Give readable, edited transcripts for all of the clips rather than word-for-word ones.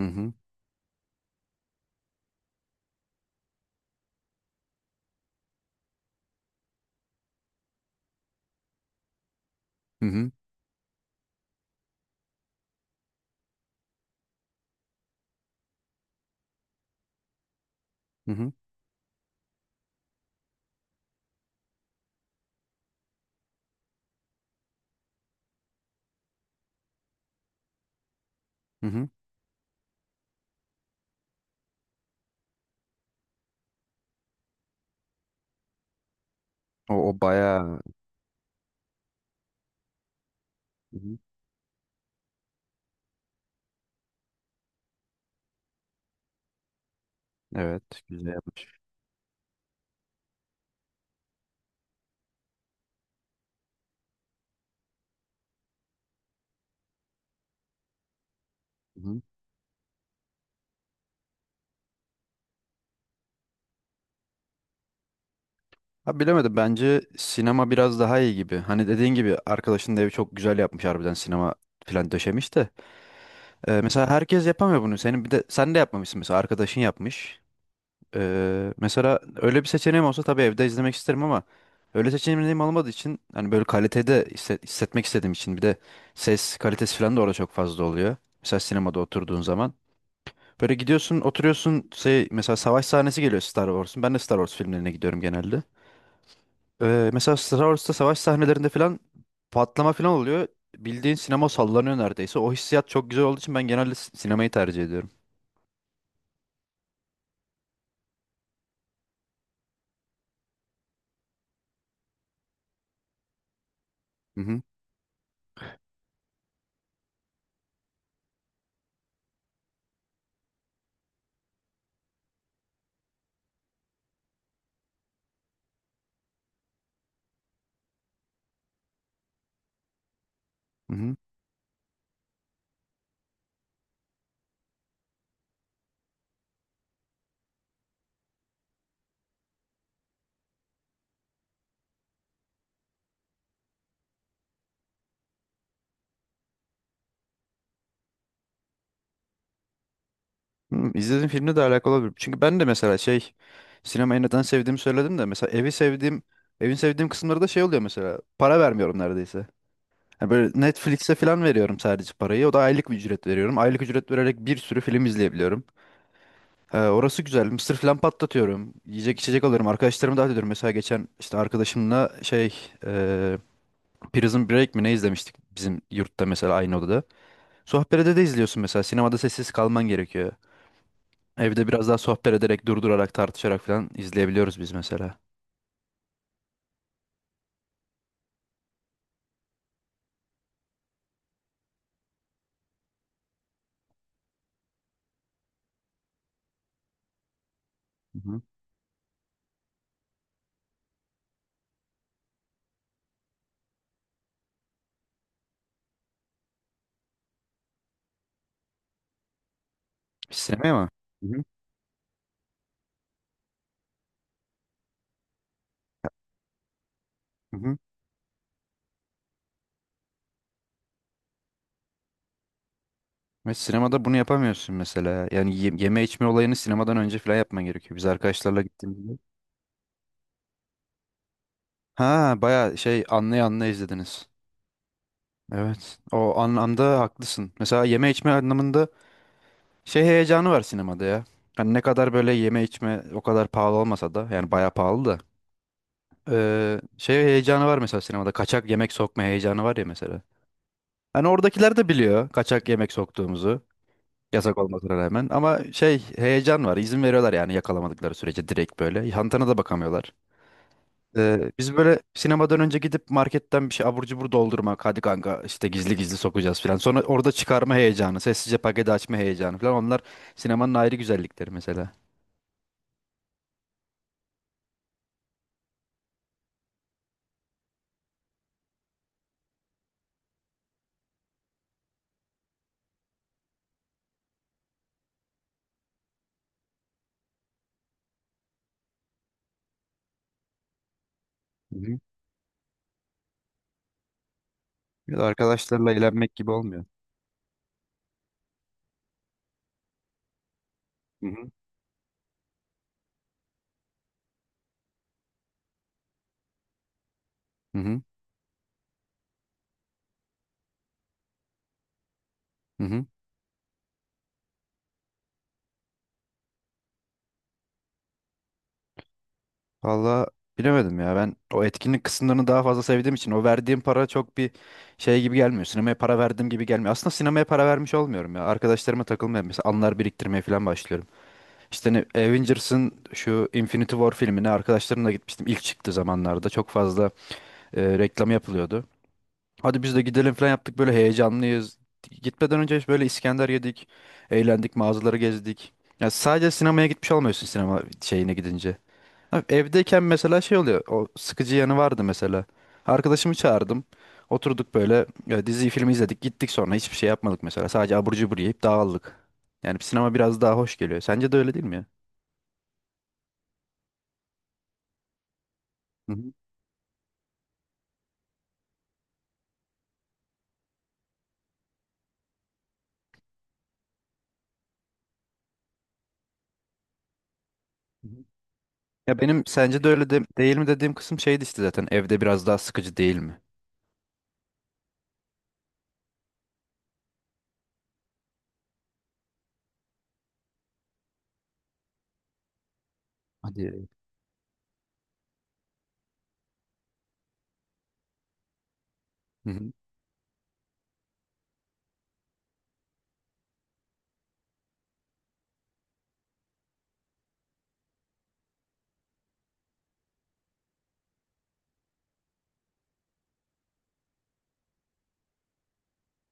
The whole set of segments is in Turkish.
Hı hı. Hı hı. Hı hı. Hı hı. O bayağı. Hı hı. Evet, güzel yapmış. Hı hı. Ha, bilemedim, bence sinema biraz daha iyi gibi. Hani dediğin gibi arkadaşın da evi çok güzel yapmış, harbiden sinema falan döşemiş de. Mesela herkes yapamıyor bunu. Senin bir de sen de yapmamışsın mesela, arkadaşın yapmış. Mesela öyle bir seçeneğim olsa tabii evde izlemek isterim, ama öyle seçeneğim olmadığı için hani böyle kalitede hissetmek istediğim için, bir de ses kalitesi falan da orada çok fazla oluyor. Mesela sinemada oturduğun zaman. Böyle gidiyorsun, oturuyorsun, şey, mesela savaş sahnesi geliyor Star Wars'un. Ben de Star Wars filmlerine gidiyorum genelde. Mesela Star Wars'ta savaş sahnelerinde falan patlama falan oluyor. Bildiğin sinema sallanıyor neredeyse. O hissiyat çok güzel olduğu için ben genelde sinemayı tercih ediyorum. Hı hı. Hı hı. Hı, izlediğim filmle de alakalı olabilir. Çünkü ben de mesela şey, sinemayı neden sevdiğimi söyledim de, mesela evi sevdiğim, evin sevdiğim kısımları da şey oluyor: mesela para vermiyorum neredeyse. Yani böyle Netflix'e falan veriyorum sadece parayı. O da aylık bir ücret veriyorum. Aylık ücret vererek bir sürü film izleyebiliyorum. Orası güzel. Mısır falan patlatıyorum. Yiyecek içecek alıyorum. Arkadaşlarımı davet ediyorum. Mesela geçen işte arkadaşımla şey, e, Prison Break mi ne izlemiştik bizim yurtta, mesela aynı odada. Sohbetede de izliyorsun mesela. Sinemada sessiz kalman gerekiyor. Evde biraz daha sohbet ederek, durdurarak, tartışarak falan izleyebiliyoruz biz mesela. Hı-hı. Sinemaya mı? Hı-hı. Hı-hı. Ve sinemada bunu yapamıyorsun mesela. Yani yeme içme olayını sinemadan önce falan yapman gerekiyor, biz arkadaşlarla gittiğimizde. Ha, bayağı şey, anlaya anlaya izlediniz. Evet. O anlamda haklısın. Mesela yeme içme anlamında şey heyecanı var sinemada ya. Hani ne kadar böyle yeme içme o kadar pahalı olmasa da, yani bayağı pahalı da, şey heyecanı var mesela sinemada. Kaçak yemek sokma heyecanı var ya mesela. Hani oradakiler de biliyor kaçak yemek soktuğumuzu. Yasak olmasına rağmen ama şey, heyecan var. İzin veriyorlar yani, yakalamadıkları sürece direkt böyle. Hantana da bakamıyorlar. Biz böyle sinemadan önce gidip marketten bir şey abur cubur doldurmak. Hadi kanka, işte gizli gizli sokacağız falan. Sonra orada çıkarma heyecanı, sessizce paketi açma heyecanı falan. Onlar sinemanın ayrı güzellikleri mesela. Hı hı. Ya da arkadaşlarla eğlenmek gibi olmuyor. Hı hı. Hı hı. Hı hı. Valla, bilemedim ya, ben o etkinlik kısımlarını daha fazla sevdiğim için o verdiğim para çok bir şey gibi gelmiyor. Sinemaya para verdiğim gibi gelmiyor. Aslında sinemaya para vermiş olmuyorum ya. Arkadaşlarıma takılmaya, mesela anılar biriktirmeye falan başlıyorum. İşte ne, Avengers'ın şu Infinity War filmine arkadaşlarımla gitmiştim. İlk çıktığı zamanlarda çok fazla reklam yapılıyordu. Hadi biz de gidelim falan yaptık, böyle heyecanlıyız. Gitmeden önce işte böyle İskender yedik, eğlendik, mağazaları gezdik. Ya sadece sinemaya gitmiş olmuyorsun sinema şeyine gidince. Ha, evdeyken mesela şey oluyor. O sıkıcı yanı vardı mesela. Arkadaşımı çağırdım. Oturduk böyle, diziyi filmi izledik. Gittik sonra hiçbir şey yapmadık mesela. Sadece abur cubur yiyip dağıldık. Yani sinema biraz daha hoş geliyor. Sence de öyle değil mi ya? Hı hı. Ya benim sence de öyle değil mi dediğim kısım şeydi işte, zaten evde biraz daha sıkıcı değil mi? Hadi. Hı hı.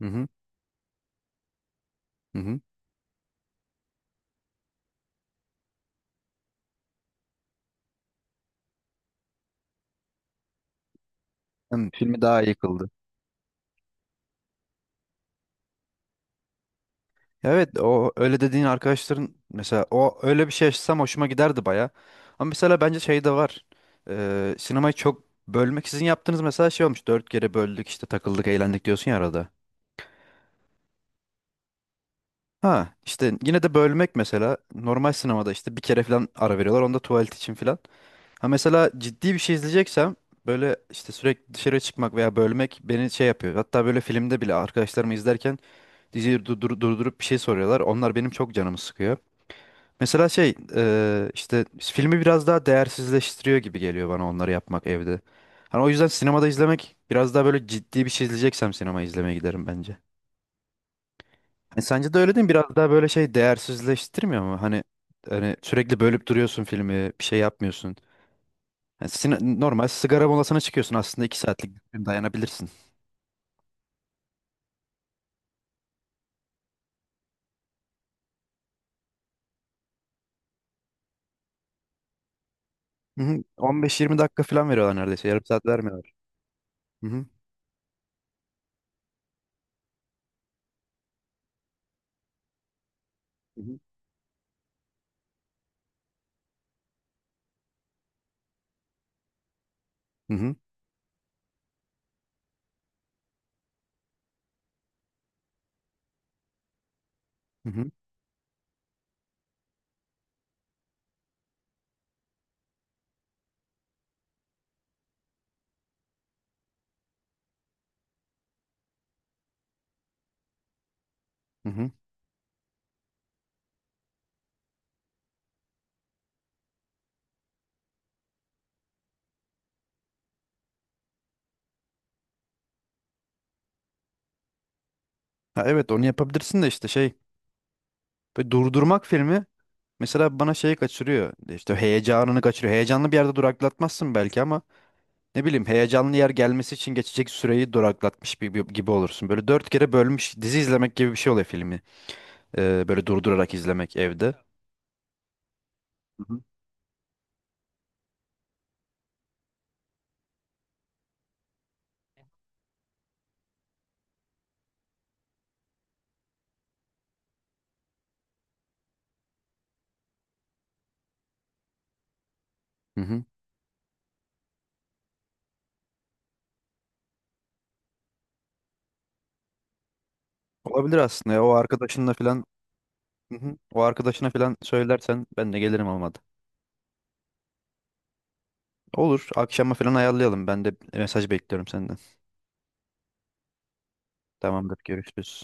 Hı hı. Hı hı. Hem filmi daha iyi kıldı. Ya evet, o öyle dediğin arkadaşların mesela, o öyle bir şey yaşasam hoşuma giderdi baya. Ama mesela bence şey de var. Sinemayı çok bölmek, sizin yaptığınız mesela şey olmuş. Dört kere böldük, işte takıldık, eğlendik diyorsun ya arada. Ha işte, yine de bölmek mesela, normal sinemada işte bir kere falan ara veriyorlar onda, tuvalet için falan. Ha mesela ciddi bir şey izleyeceksem, böyle işte sürekli dışarı çıkmak veya bölmek beni şey yapıyor. Hatta böyle filmde bile arkadaşlarımı izlerken diziyi durdurup bir şey soruyorlar. Onlar benim çok canımı sıkıyor. Mesela şey, işte filmi biraz daha değersizleştiriyor gibi geliyor bana, onları yapmak evde. Hani o yüzden sinemada izlemek biraz daha böyle, ciddi bir şey izleyeceksem sinema izlemeye giderim bence. E, sence de öyle değil mi? Biraz daha böyle şey değersizleştirmiyor mu? Hani sürekli bölüp duruyorsun filmi, bir şey yapmıyorsun. Yani normal sigara molasına çıkıyorsun, aslında 2 saatlik bir film, dayanabilirsin. Hı hı. 15-20 dakika falan veriyorlar neredeyse. Yarım saat vermiyorlar. Hı hı. Hı hı. Hı hı. Hı hı. Hı hı. Ha, evet, onu yapabilirsin de işte şey, böyle durdurmak filmi mesela bana şeyi kaçırıyor. İşte heyecanını kaçırıyor. Heyecanlı bir yerde duraklatmazsın belki ama, ne bileyim, heyecanlı yer gelmesi için geçecek süreyi duraklatmış gibi olursun. Böyle dört kere bölmüş dizi izlemek gibi bir şey oluyor filmi. Böyle durdurarak izlemek evde. Hı hı. Hı hı. Olabilir aslında ya, o arkadaşınla falan. Hı hı. O arkadaşına falan söylersen ben de gelirim, olmadı. Olur, akşama falan ayarlayalım. Ben de mesaj bekliyorum senden. Tamamdır, görüşürüz.